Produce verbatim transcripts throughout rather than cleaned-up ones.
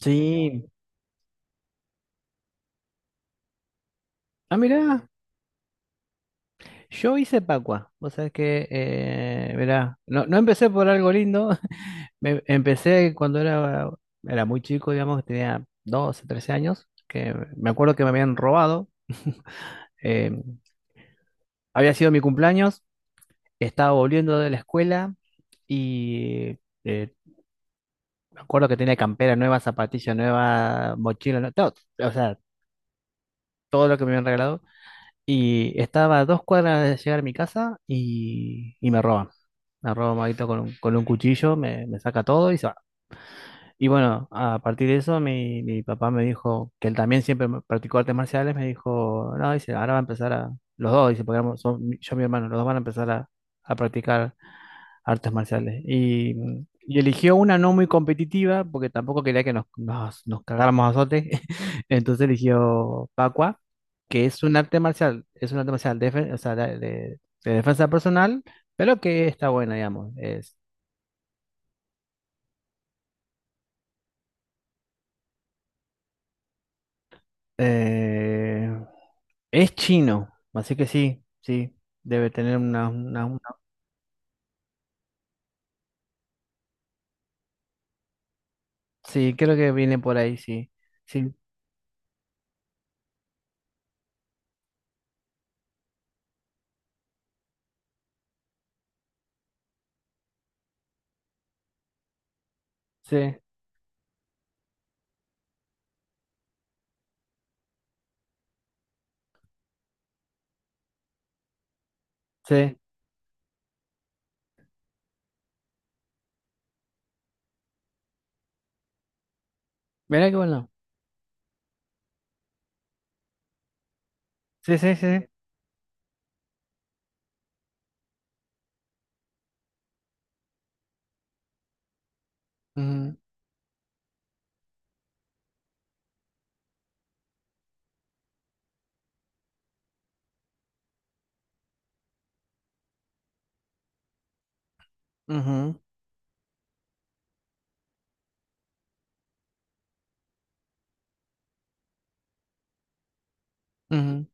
Sí. Ah, mirá, yo hice Pacua. O sea que, eh, mirá, no, no empecé por algo lindo. Me- empecé cuando era, era muy chico, digamos, tenía doce, trece años, que me acuerdo que me habían robado. eh, Había sido mi cumpleaños, estaba volviendo de la escuela y eh, me acuerdo que tenía campera nueva, zapatilla nueva, mochila, no- todo, o sea, todo lo que me habían regalado. Y estaba a dos cuadras de llegar a mi casa y, y me roban. Me roban Maguito con un, con un cuchillo, me, me saca todo y se va. Y bueno, a partir de eso, mi, mi papá me dijo, que él también siempre me- practicó artes marciales, me dijo, no, dice, ahora va a empezar a, los dos, dice, porque éramos- son- yo y mi hermano, los dos van a empezar a, a practicar artes marciales. Y, y eligió una no muy competitiva, porque tampoco quería que nos, nos, nos cagáramos a azote. Entonces eligió Pacua, que es un arte marcial, es un arte marcial defen- o sea, de, de- de defensa personal, pero que está buena, digamos. Es, eh, es chino, así que sí, sí, debe tener una, una- una- Sí, creo que viene por ahí, sí. Sí, sí, sí. Mirá qué bueno. Sí, sí, sí. Ujú, ujú, ujú.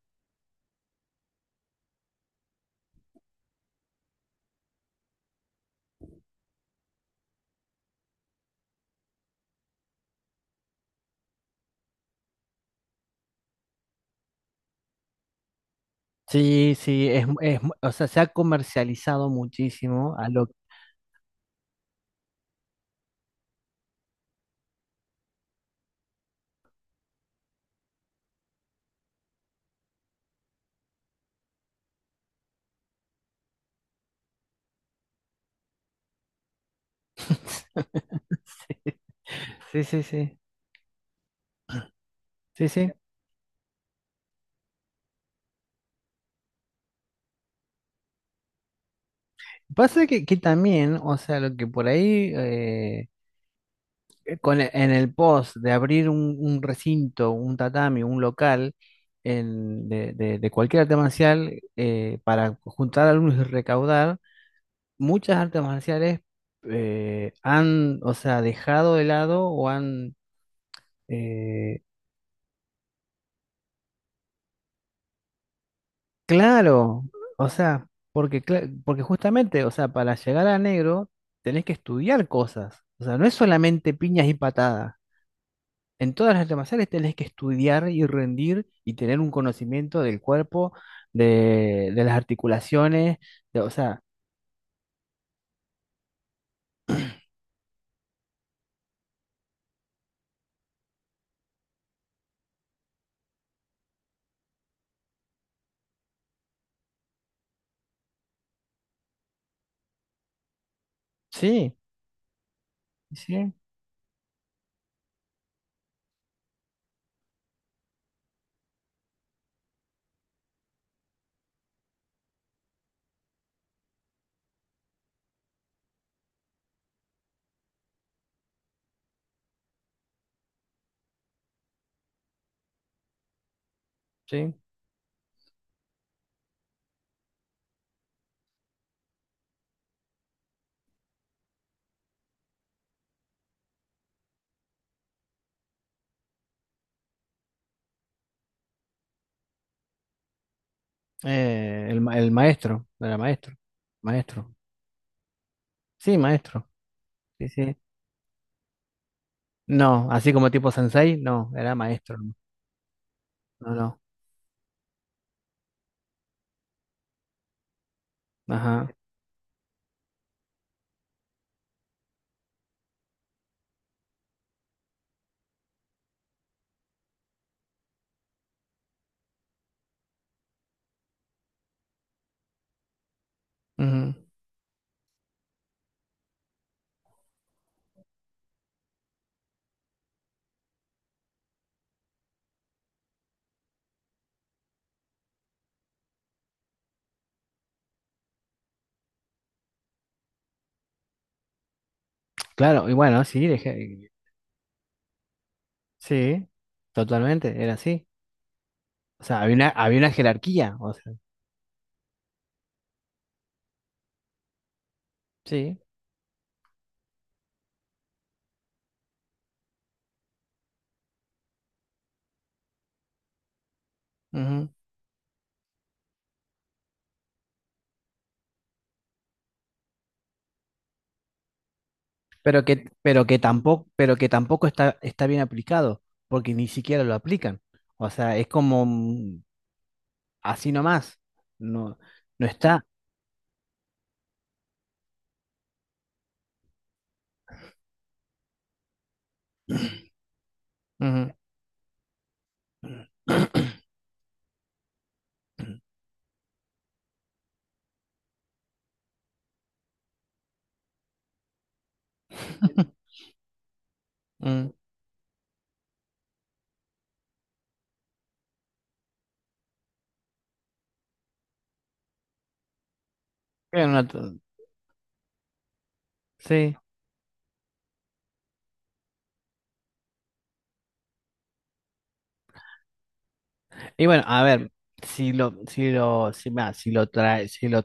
Sí, sí, es, es, o sea, se ha comercializado muchísimo a lo Sí, sí, sí, sí, sí. Pasa que, que también, o sea, lo que por ahí, eh, eh, con e- en el post de abrir un, un recinto, un tatami, un local en- de, de- de cualquier arte marcial eh, para juntar alumnos y recaudar, muchas artes marciales eh, han, o sea, dejado de lado o han... eh, Claro, o sea, porque, cla- porque justamente, o sea, para llegar a negro tenés que estudiar cosas, o sea, no es solamente piñas y patadas, en todas las artes marciales tenés que estudiar y rendir y tener un conocimiento del cuerpo, de, de las articulaciones, de- o sea, sí, sí, sí, eh, el, ma- el maestro, era maestro, maestro, sí, maestro, sí, sí, no, así como tipo sensei, no, era maestro, no, no, ajá. Ujú. Claro, y bueno, sí, deje- sí, totalmente, era así. O sea, había una, había una jerarquía, o sea, sí, ujú. Pero que, pero que tampoco, pero que tampoco está, está bien aplicado, porque ni siquiera lo aplican. O sea, es como mm, así nomás. No, no está. Ujú. Mm. Era una to- sí. Y bueno, a ver, si lo, si lo, si, mira, si lo trae, si lo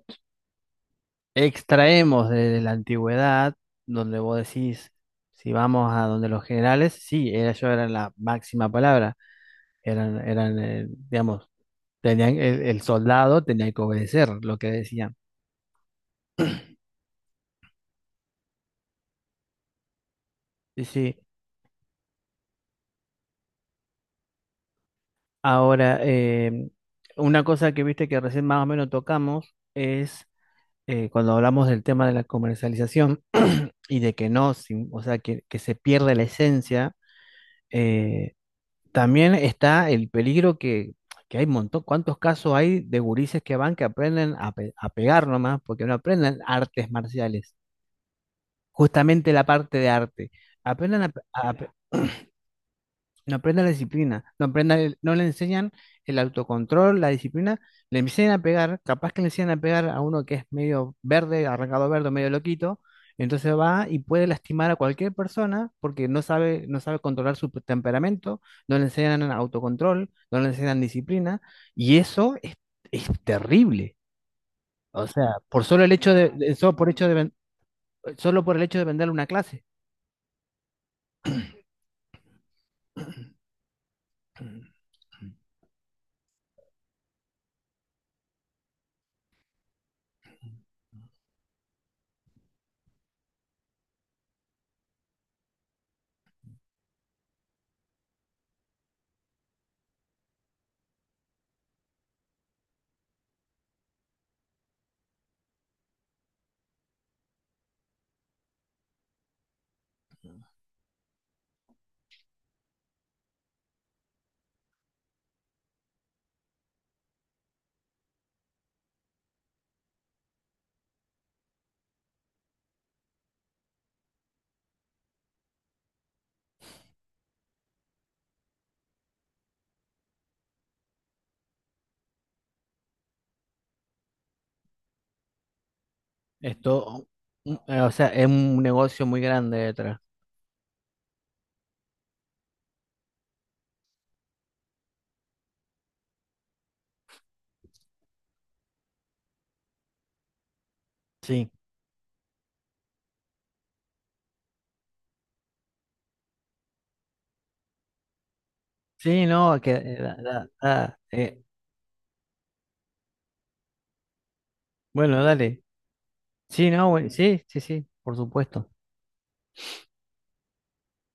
extraemos de la antigüedad, donde vos decís, si vamos a donde los generales, sí, ellos eran la máxima palabra, eran, eran eh, digamos, tenían, el, el soldado tenía que obedecer lo que decían. Sí, sí, ahora, eh, una cosa que viste que recién más o menos tocamos es eh, cuando hablamos del tema de la comercialización y de que no, sin- o sea, que, que se pierde la esencia. eh, También está el peligro que, que, hay un montón, cuántos casos hay de gurises que van, que aprenden a, pe- a pegar nomás, porque no aprenden artes marciales, justamente la parte de arte, aprenden a, pe- a pe- no aprenda la disciplina, no aprenda el- no le enseñan el autocontrol, la disciplina, le enseñan a pegar, capaz que le enseñan a pegar a uno que es medio verde, arrancado verde, medio loquito, entonces va y puede lastimar a cualquier persona porque no sabe, no sabe controlar su temperamento, no le enseñan autocontrol, no le enseñan disciplina, y eso es, es terrible. O sea, por solo el hecho de, de- solo por hecho de, ven- solo por el hecho de venderle una clase. Esto, o sea, es un negocio muy grande detrás. Sí, sí, no, que, eh, da- da- da, eh, bueno, dale. Sí, no, bueno, sí, sí, sí, por supuesto.